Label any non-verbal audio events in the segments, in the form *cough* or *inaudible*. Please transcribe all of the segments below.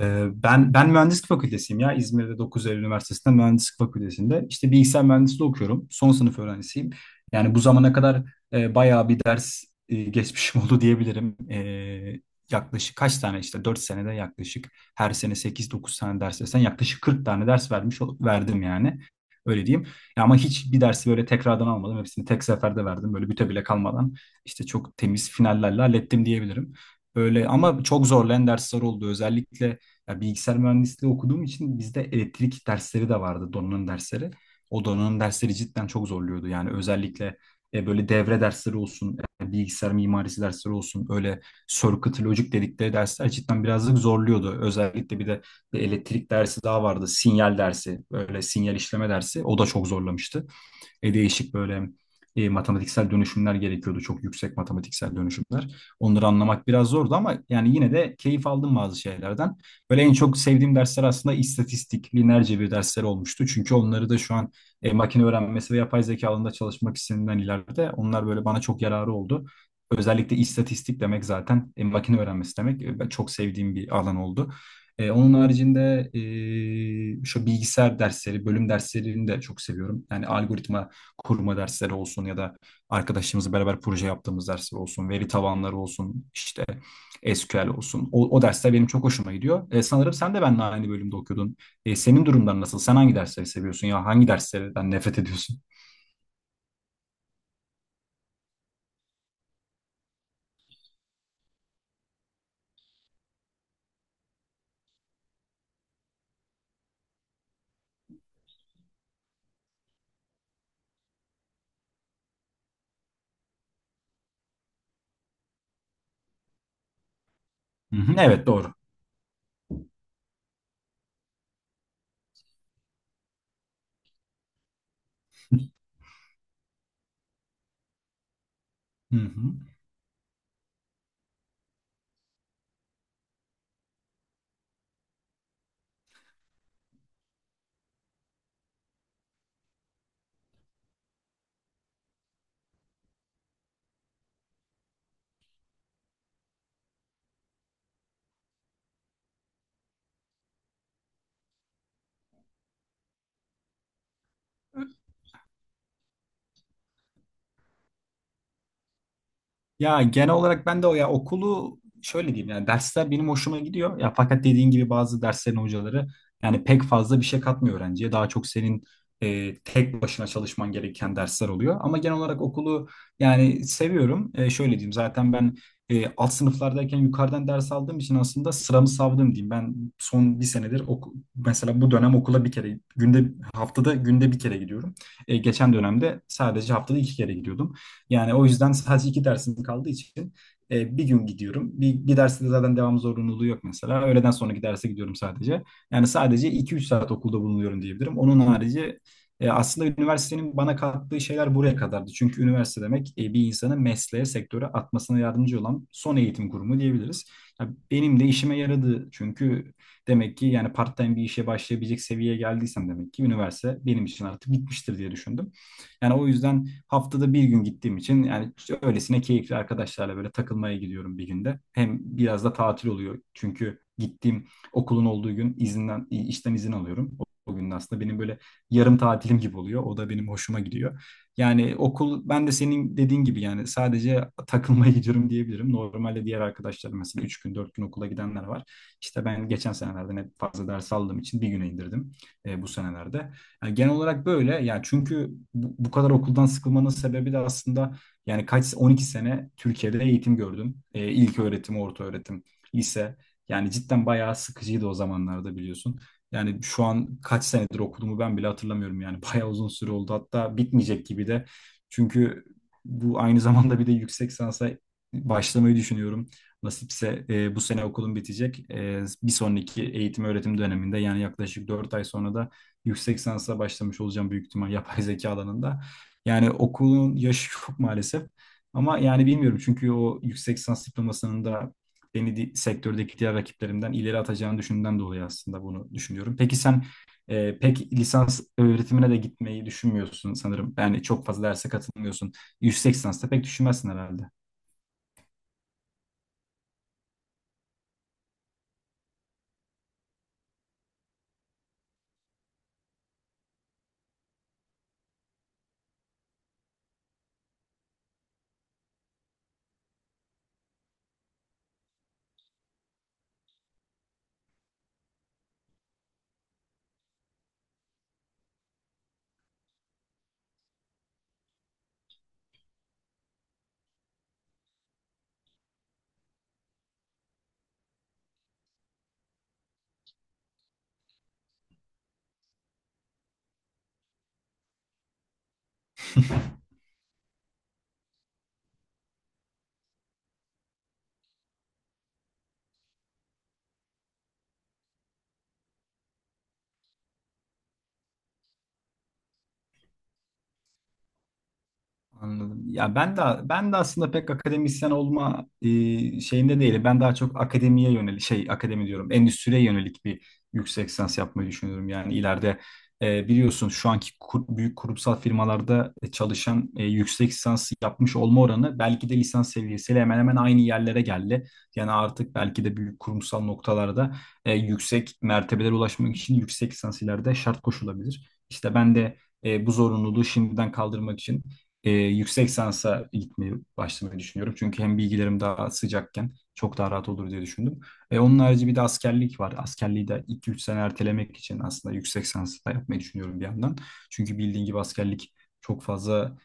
Ben mühendislik fakültesiyim ya İzmir'de 9 Eylül Üniversitesi'nde mühendislik fakültesinde işte bilgisayar mühendisliği okuyorum son sınıf öğrencisiyim yani bu zamana kadar bayağı bir ders geçmişim *laughs* oldu diyebilirim. Yaklaşık kaç tane işte 4 senede yaklaşık her sene 8 9 tane ders versen yaklaşık 40 tane ders verdim yani öyle diyeyim. Ya ama hiç bir dersi böyle tekrardan almadım, hepsini tek seferde verdim, böyle büte bile kalmadan işte çok temiz finallerle hallettim diyebilirim. Böyle ama çok zorlayan dersler oldu. Özellikle ya bilgisayar mühendisliği okuduğum için bizde elektrik dersleri de vardı, donanım dersleri. O donanım dersleri cidden çok zorluyordu. Yani özellikle böyle devre dersleri olsun, bilgisayar mimarisi dersleri olsun, öyle circuit logic dedikleri dersler cidden birazcık zorluyordu. Özellikle bir de bir elektrik dersi daha vardı, sinyal dersi, böyle sinyal işleme dersi. O da çok zorlamıştı. Değişik böyle matematiksel dönüşümler gerekiyordu. Çok yüksek matematiksel dönüşümler. Onları anlamak biraz zordu ama yani yine de keyif aldım bazı şeylerden. Böyle en çok sevdiğim dersler aslında istatistik, lineer cebir dersleri olmuştu. Çünkü onları da şu an makine öğrenmesi ve yapay zeka alanında çalışmak istediğimden ileride onlar böyle bana çok yararı oldu. Özellikle istatistik demek zaten makine öğrenmesi demek. Ben çok sevdiğim bir alan oldu. Onun haricinde şu bilgisayar dersleri, bölüm derslerini de çok seviyorum. Yani algoritma kurma dersleri olsun ya da arkadaşlarımızla beraber proje yaptığımız dersler olsun, veri tabanları olsun, işte SQL olsun. O dersler benim çok hoşuma gidiyor. Sanırım sen de benimle aynı bölümde okuyordun. Senin durumların nasıl? Sen hangi dersleri seviyorsun ya hangi derslerden nefret ediyorsun? Hı hı, evet doğru. Hı hı. Ya genel olarak ben de o ya okulu şöyle diyeyim, yani dersler benim hoşuma gidiyor. Ya fakat dediğin gibi bazı derslerin hocaları yani pek fazla bir şey katmıyor öğrenciye. Daha çok senin tek başına çalışman gereken dersler oluyor. Ama genel olarak okulu yani seviyorum. Şöyle diyeyim, zaten ben alt sınıflardayken yukarıdan ders aldığım için aslında sıramı savdım diyeyim. Ben son bir senedir mesela bu dönem okula bir kere günde haftada günde bir kere gidiyorum. Geçen dönemde sadece haftada 2 kere gidiyordum. Yani o yüzden sadece 2 dersim kaldığı için bir gün gidiyorum. Bir derste de zaten devam zorunluluğu yok mesela. Öğleden sonraki derse gidiyorum sadece. Yani sadece 2 3 saat okulda bulunuyorum diyebilirim. Onun harici aslında üniversitenin bana kattığı şeyler buraya kadardı. Çünkü üniversite demek bir insanı mesleğe, sektöre atmasına yardımcı olan son eğitim kurumu diyebiliriz. Ya benim de işime yaradı. Çünkü demek ki yani part-time bir işe başlayabilecek seviyeye geldiysem demek ki üniversite benim için artık bitmiştir diye düşündüm. Yani o yüzden haftada bir gün gittiğim için yani işte öylesine keyifli arkadaşlarla böyle takılmaya gidiyorum bir günde. Hem biraz da tatil oluyor, çünkü gittiğim okulun olduğu gün izinden işten izin alıyorum. O gün de aslında benim böyle yarım tatilim gibi oluyor. O da benim hoşuma gidiyor. Yani okul ben de senin dediğin gibi yani sadece takılmaya *laughs* gidiyorum diyebilirim. Normalde diğer arkadaşlarım mesela 3 gün 4 gün okula gidenler var. İşte ben geçen senelerde ne fazla ders aldığım için bir güne indirdim bu senelerde. Yani genel olarak böyle. Yani çünkü bu kadar okuldan sıkılmanın sebebi de aslında yani kaç 12 sene Türkiye'de eğitim gördüm. İlk öğretim, orta öğretim, lise. Yani cidden bayağı sıkıcıydı o zamanlarda biliyorsun. Yani şu an kaç senedir okuduğumu ben bile hatırlamıyorum. Yani *laughs* bayağı uzun süre oldu. Hatta bitmeyecek gibi de. Çünkü bu aynı zamanda bir de yüksek lisansa başlamayı düşünüyorum. Nasipse bu sene okulum bitecek. Bir sonraki eğitim öğretim döneminde yani yaklaşık 4 ay sonra da yüksek lisansa başlamış olacağım büyük ihtimal yapay *laughs* zeka alanında. Yani okulun yaşı çok maalesef. Ama yani bilmiyorum, çünkü o yüksek lisans diplomasının da beni sektördeki diğer rakiplerimden ileri atacağını düşündüğümden dolayı aslında bunu düşünüyorum. Peki sen pek lisans öğretimine de gitmeyi düşünmüyorsun sanırım. Yani çok fazla derse katılmıyorsun. Yüksek lisansta pek düşünmezsin herhalde. *laughs* Anladım. Ya ben de aslında pek akademisyen olma şeyinde değilim. Ben daha çok akademiye yönelik, şey, akademi diyorum, endüstriye yönelik bir yüksek lisans yapmayı düşünüyorum. Yani ileride biliyorsun şu anki büyük kurumsal firmalarda çalışan yüksek lisans yapmış olma oranı belki de lisans seviyesiyle hemen hemen aynı yerlere geldi. Yani artık belki de büyük kurumsal noktalarda yüksek mertebelere ulaşmak için yüksek lisans ileride şart koşulabilir. İşte ben de bu zorunluluğu şimdiden kaldırmak için yüksek sansa gitmeyi başlamayı düşünüyorum. Çünkü hem bilgilerim daha sıcakken çok daha rahat olur diye düşündüm. Onun harici bir de askerlik var. Askerliği de 2-3 sene ertelemek için aslında yüksek sansa da yapmayı düşünüyorum bir yandan. Çünkü bildiğin gibi askerlik çok fazla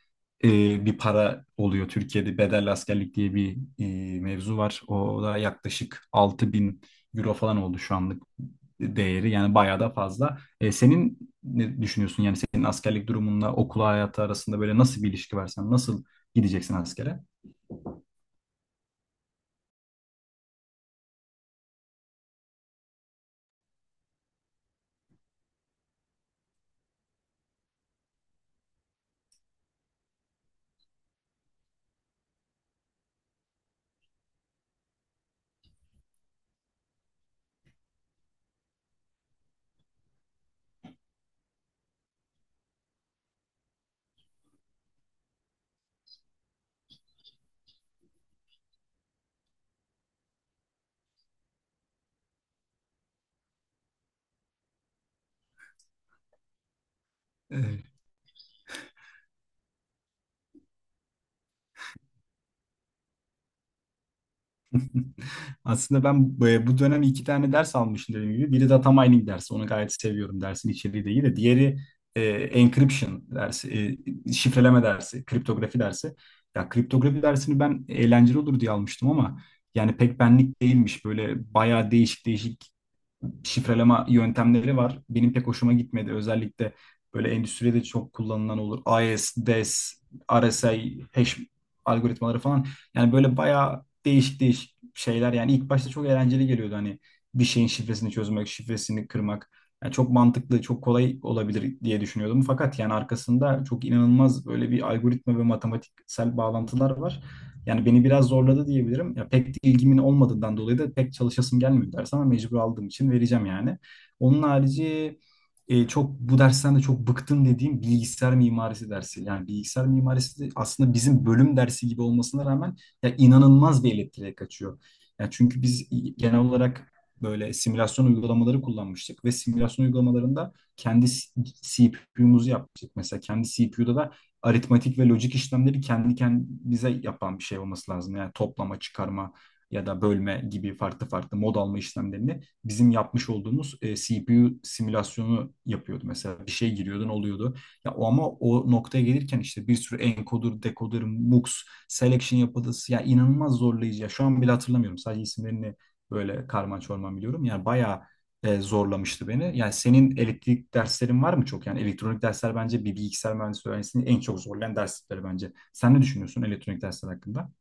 e, bir para oluyor. Türkiye'de bedelli askerlik diye bir mevzu var. O da yaklaşık 6.000 euro falan oldu şu anlık değeri. Yani bayağı da fazla. Senin ne düşünüyorsun? Yani senin askerlik durumunla okul hayatı arasında böyle nasıl bir ilişki var? Sen nasıl gideceksin askere? Ee, Aslında ben bu dönem 2 tane ders almışım dediğim gibi. Biri data mining dersi. Onu gayet seviyorum. Dersin içeriği de iyi de. Diğeri encryption dersi. Şifreleme dersi. Kriptografi dersi. Ya kriptografi dersini ben eğlenceli olur diye almıştım ama yani pek benlik değilmiş. Böyle bayağı değişik değişik şifreleme yöntemleri var. Benim pek hoşuma gitmedi. Özellikle böyle endüstride çok kullanılan olur. AES, DES, RSA, hash algoritmaları falan. Yani böyle bayağı değişik değişik şeyler. Yani ilk başta çok eğlenceli geliyordu hani bir şeyin şifresini çözmek, şifresini kırmak. Yani çok mantıklı, çok kolay olabilir diye düşünüyordum. Fakat yani arkasında çok inanılmaz böyle bir algoritma ve matematiksel bağlantılar var. Yani beni biraz zorladı diyebilirim. Ya pek de ilgimin olmadığından dolayı da pek çalışasım gelmiyor ders, ama mecbur aldığım için vereceğim yani. Onun harici çok bu dersten de çok bıktım dediğim bilgisayar mimarisi dersi. Yani bilgisayar mimarisi de aslında bizim bölüm dersi gibi olmasına rağmen ya inanılmaz bir elektriğe kaçıyor. Ya çünkü biz genel olarak böyle simülasyon uygulamaları kullanmıştık ve simülasyon uygulamalarında kendi CPU'muzu yapmıştık. Mesela kendi CPU'da da aritmatik ve lojik işlemleri kendi kendimize yapan bir şey olması lazım. Yani toplama, çıkarma ya da bölme gibi farklı farklı mod alma işlemlerini bizim yapmış olduğumuz CPU simülasyonu yapıyordu. Mesela bir şey giriyordun oluyordu. Ya o, ama o noktaya gelirken işte bir sürü encoder, decoder, mux, selection yapısı ya inanılmaz zorlayıcı. Ya şu an bile hatırlamıyorum. Sadece isimlerini böyle karman çorman biliyorum. Yani bayağı zorlamıştı beni. Yani senin elektrik derslerin var mı çok? Yani elektronik dersler bence bir bilgisayar mühendisliği öğrencisini en çok zorlayan dersleri bence. Sen ne düşünüyorsun elektronik dersler hakkında?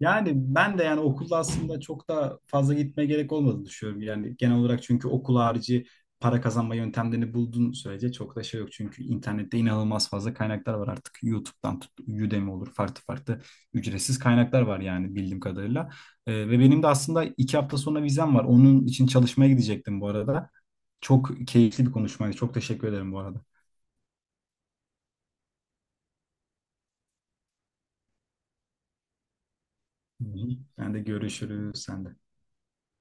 Yani ben de yani okulda aslında çok da fazla gitmeye gerek olmadığını düşünüyorum. Yani genel olarak çünkü okul harici para kazanma yöntemlerini bulduğun sürece çok da şey yok. Çünkü internette inanılmaz fazla kaynaklar var artık. YouTube'dan tut, Udemy olur, farklı farklı ücretsiz kaynaklar var yani bildiğim kadarıyla. Ve benim de aslında 2 hafta sonra vizem var. Onun için çalışmaya gidecektim bu arada. Çok keyifli bir konuşmaydı. Çok teşekkür ederim bu arada. Hı hı. Ben de görüşürüz. Sen de.